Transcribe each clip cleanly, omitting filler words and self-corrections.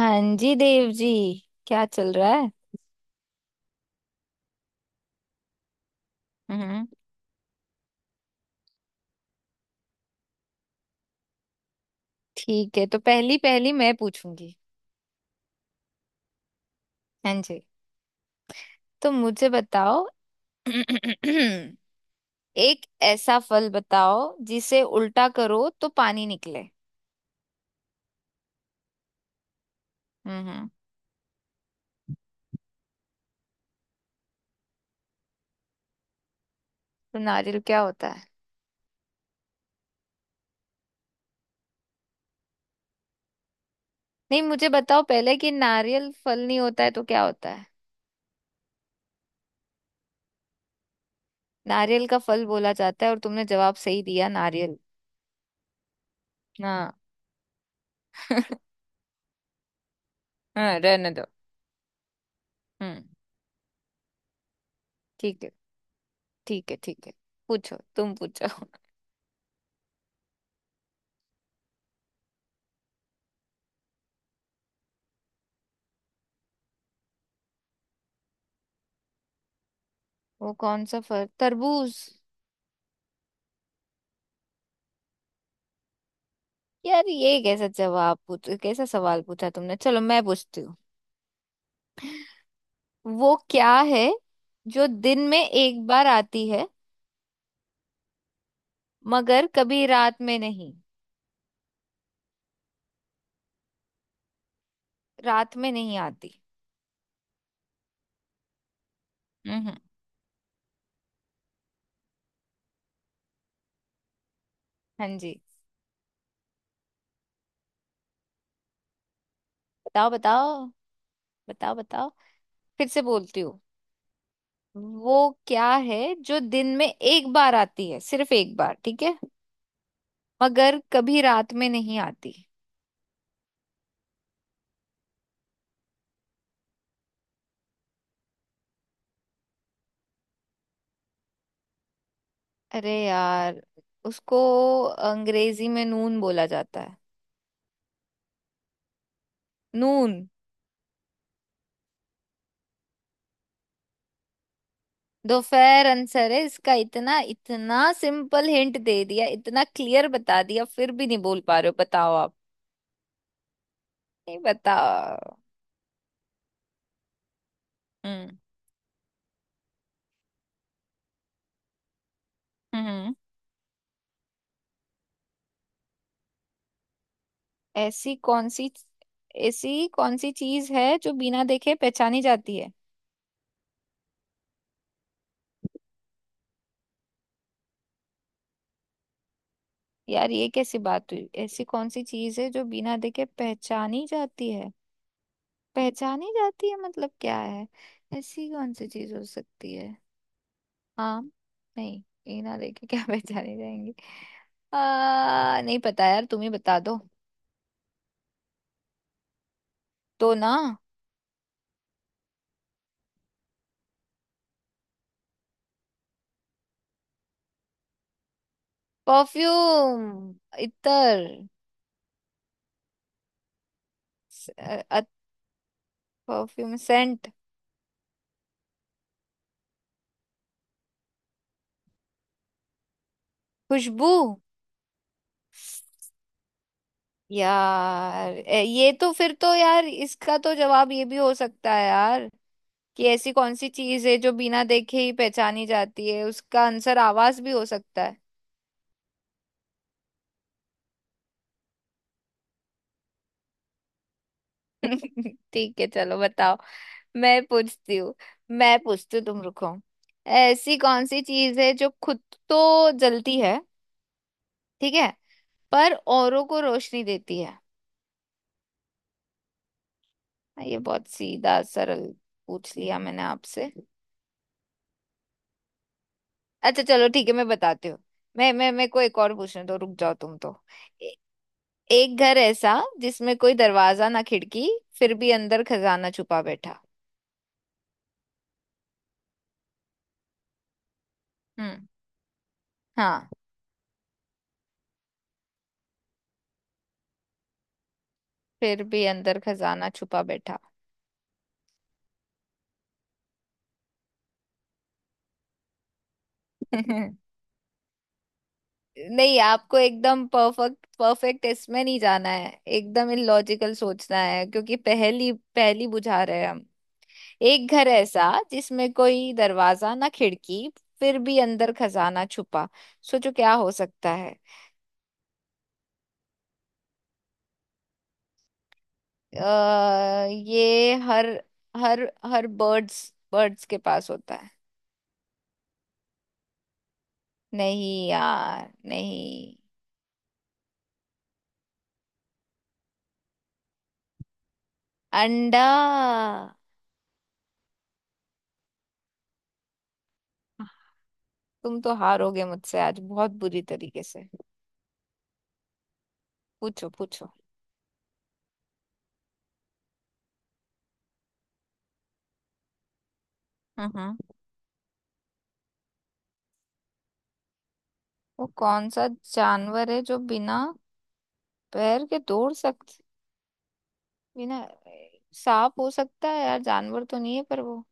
हाँ जी देव जी। क्या चल रहा है? हम्म। ठीक है, तो पहली पहली मैं पूछूंगी। हाँ जी। तो मुझे बताओ। एक ऐसा फल बताओ जिसे उल्टा करो तो पानी निकले। हम्म। तो नारियल क्या होता है? नहीं, मुझे बताओ पहले कि नारियल फल नहीं होता है तो क्या होता है? नारियल का फल बोला जाता है, और तुमने जवाब सही दिया, नारियल। हाँ। हाँ, रहने दो। हम्म। ठीक है। ठीक है, ठीक है। पूछो, तुम पूछो। वो कौन सा फल, तरबूज। यार ये कैसा जवाब, पूछ कैसा सवाल पूछा तुमने? चलो, मैं पूछती हूँ। वो क्या है जो दिन में एक बार आती है, मगर कभी रात में नहीं? रात में नहीं आती। हम्म। हाँ जी। बताओ बताओ। बताओ बताओ। फिर से बोलती हूँ। वो क्या है जो दिन में एक बार आती है, सिर्फ एक बार, ठीक है? मगर कभी रात में नहीं आती। अरे यार, उसको अंग्रेजी में नून बोला जाता है। नून। दोपहर आंसर है इसका। इतना इतना सिंपल हिंट दे दिया, इतना क्लियर बता दिया, फिर भी नहीं बोल पा रहे हो? बताओ आप। नहीं, बताओ। हम्म। हम्म। ऐसी कौन सी। ऐसी कौन सी चीज है जो बिना देखे पहचानी जाती है? यार ये कैसी बात हुई? ऐसी कौन सी चीज है जो बिना देखे पहचानी जाती है? पहचानी जाती है मतलब क्या है? ऐसी कौन सी चीज हो सकती है? हाँ। नहीं। ये ना लेके क्या पहचाने जाएंगे? नहीं पता यार, तुम ही बता दो। तो ना, परफ्यूम। इतर। Perfume, Saint. खुशबू। यार ये तो। फिर तो यार इसका तो जवाब ये भी हो सकता है यार, कि ऐसी कौन सी चीज है जो बिना देखे ही पहचानी जाती है, उसका आंसर आवाज भी हो सकता है। ठीक है, चलो बताओ। मैं पूछती हूँ। मैं पूछती हूँ, तुम रुको। ऐसी कौन सी चीज है जो खुद तो जलती है, ठीक है, पर औरों को रोशनी देती है? हाँ, ये बहुत सीधा सरल पूछ लिया मैंने आपसे। अच्छा चलो, ठीक है, मैं बताती हूँ। मैं मेरे को एक और पूछने दो, रुक जाओ तुम तो। ए, एक घर ऐसा जिसमें कोई दरवाजा ना खिड़की, फिर भी अंदर खजाना छुपा बैठा। हम्म। हाँ। फिर भी अंदर खजाना छुपा बैठा। नहीं, आपको एकदम परफेक्ट परफेक्ट इसमें नहीं जाना है। एकदम इलॉजिकल सोचना है क्योंकि पहली पहली बुझा रहे हैं हम। एक घर ऐसा जिसमें कोई दरवाजा ना खिड़की, फिर भी अंदर खजाना छुपा। सोचो क्या हो सकता है। ये हर हर हर बर्ड्स बर्ड्स के पास होता है। नहीं यार, नहीं। अंडा। तुम तो हारोगे मुझसे आज बहुत बुरी तरीके से। पूछो पूछो। हम्म। वो कौन सा जानवर है जो बिना पैर के दौड़ सकता? बिना। सांप हो सकता है यार, जानवर तो नहीं है पर वो।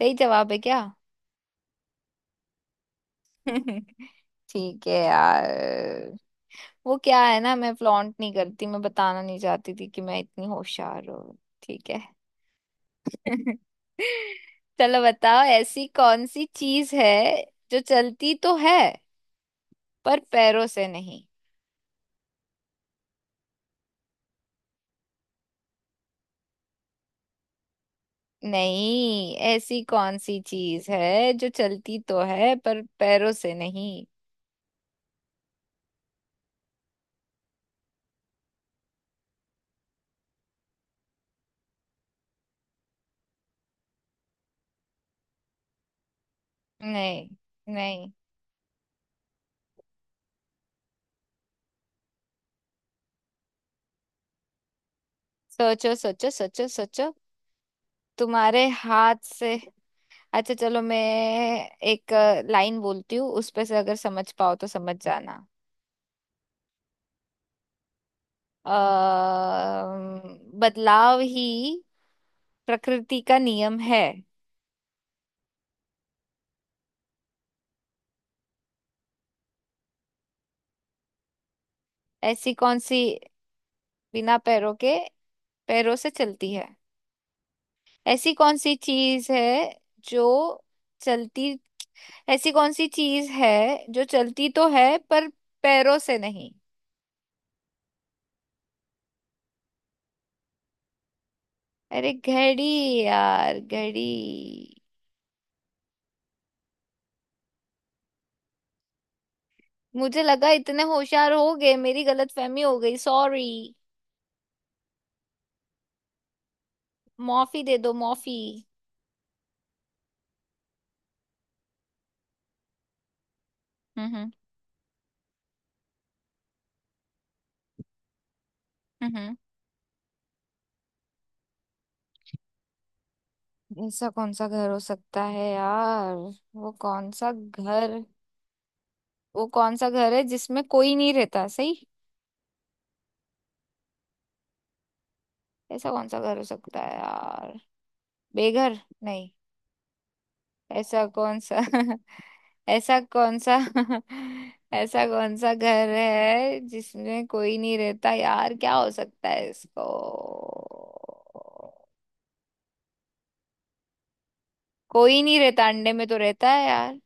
सही जवाब है क्या? ठीक है यार। वो क्या है ना, मैं फ्लॉन्ट नहीं करती, मैं बताना नहीं चाहती थी कि मैं इतनी होशियार हूँ। ठीक है। चलो बताओ, ऐसी कौन सी चीज है जो चलती तो है पर पैरों से नहीं? नहीं, ऐसी कौन सी चीज है जो चलती तो है पर पैरों से नहीं? नहीं। नहीं। सोचो सोचो सोचो सोचो। तुम्हारे हाथ से। अच्छा चलो, मैं एक लाइन बोलती हूँ, उस पे से अगर समझ पाओ तो समझ जाना। अ बदलाव ही प्रकृति का नियम है। ऐसी कौन सी। बिना पैरों के, पैरों से चलती है। ऐसी कौन सी चीज है जो चलती। ऐसी कौन सी चीज है जो चलती तो है पर पैरों से नहीं? अरे घड़ी। यार घड़ी। मुझे लगा इतने होशियार हो गए, मेरी गलतफहमी हो गई, सॉरी। माफी दे दो, माफी। हम्म। हम्म। हम्म। ऐसा कौन सा घर हो सकता है यार? वो कौन सा घर? वो कौन सा घर है जिसमें कोई नहीं रहता, सही? ऐसा कौन सा घर हो सकता है यार? बेघर? नहीं। ऐसा कौन सा ऐसा कौन सा ऐसा कौन सा घर है जिसमें कोई नहीं रहता यार, क्या हो सकता है इसको? कोई नहीं रहता, अंडे में तो रहता है यार।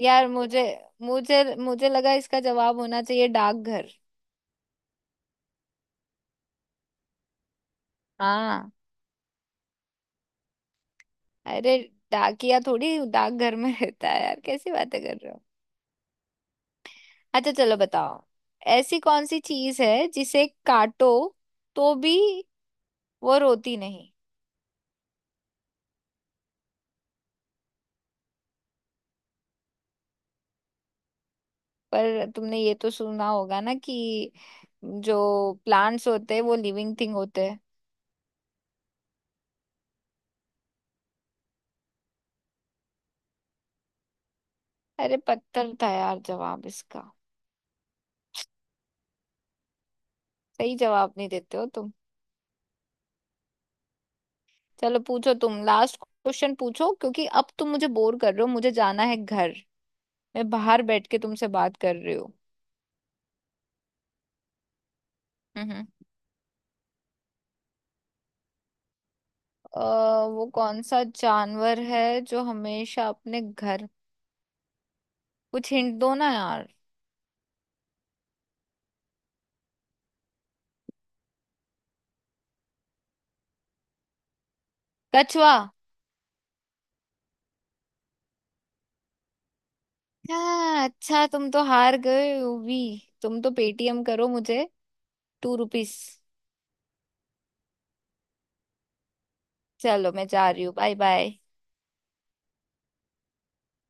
यार मुझे मुझे मुझे लगा इसका जवाब होना चाहिए डाकघर। हाँ। अरे, डाकिया थोड़ी डाकघर में रहता है यार, कैसी बातें कर रहे हो? अच्छा चलो बताओ, ऐसी कौन सी चीज है जिसे काटो तो भी वो रोती नहीं? पर तुमने ये तो सुना होगा ना कि जो प्लांट्स होते हैं वो लिविंग थिंग होते हैं। अरे पत्थर था यार जवाब इसका। सही जवाब नहीं देते हो तुम। चलो पूछो, तुम लास्ट क्वेश्चन पूछो, क्योंकि अब तुम मुझे बोर कर रहे हो, मुझे जाना है घर। मैं बाहर बैठ के तुमसे बात कर रही हूँ। हम्म। अ, वो कौन सा जानवर है जो हमेशा अपने घर। कुछ हिंट दो ना यार। कछुआ। हाँ, अच्छा तुम तो हार गए हो भी। तुम तो पेटीएम करो मुझे। ₹2। चलो मैं जा रही हूँ, बाय बाय।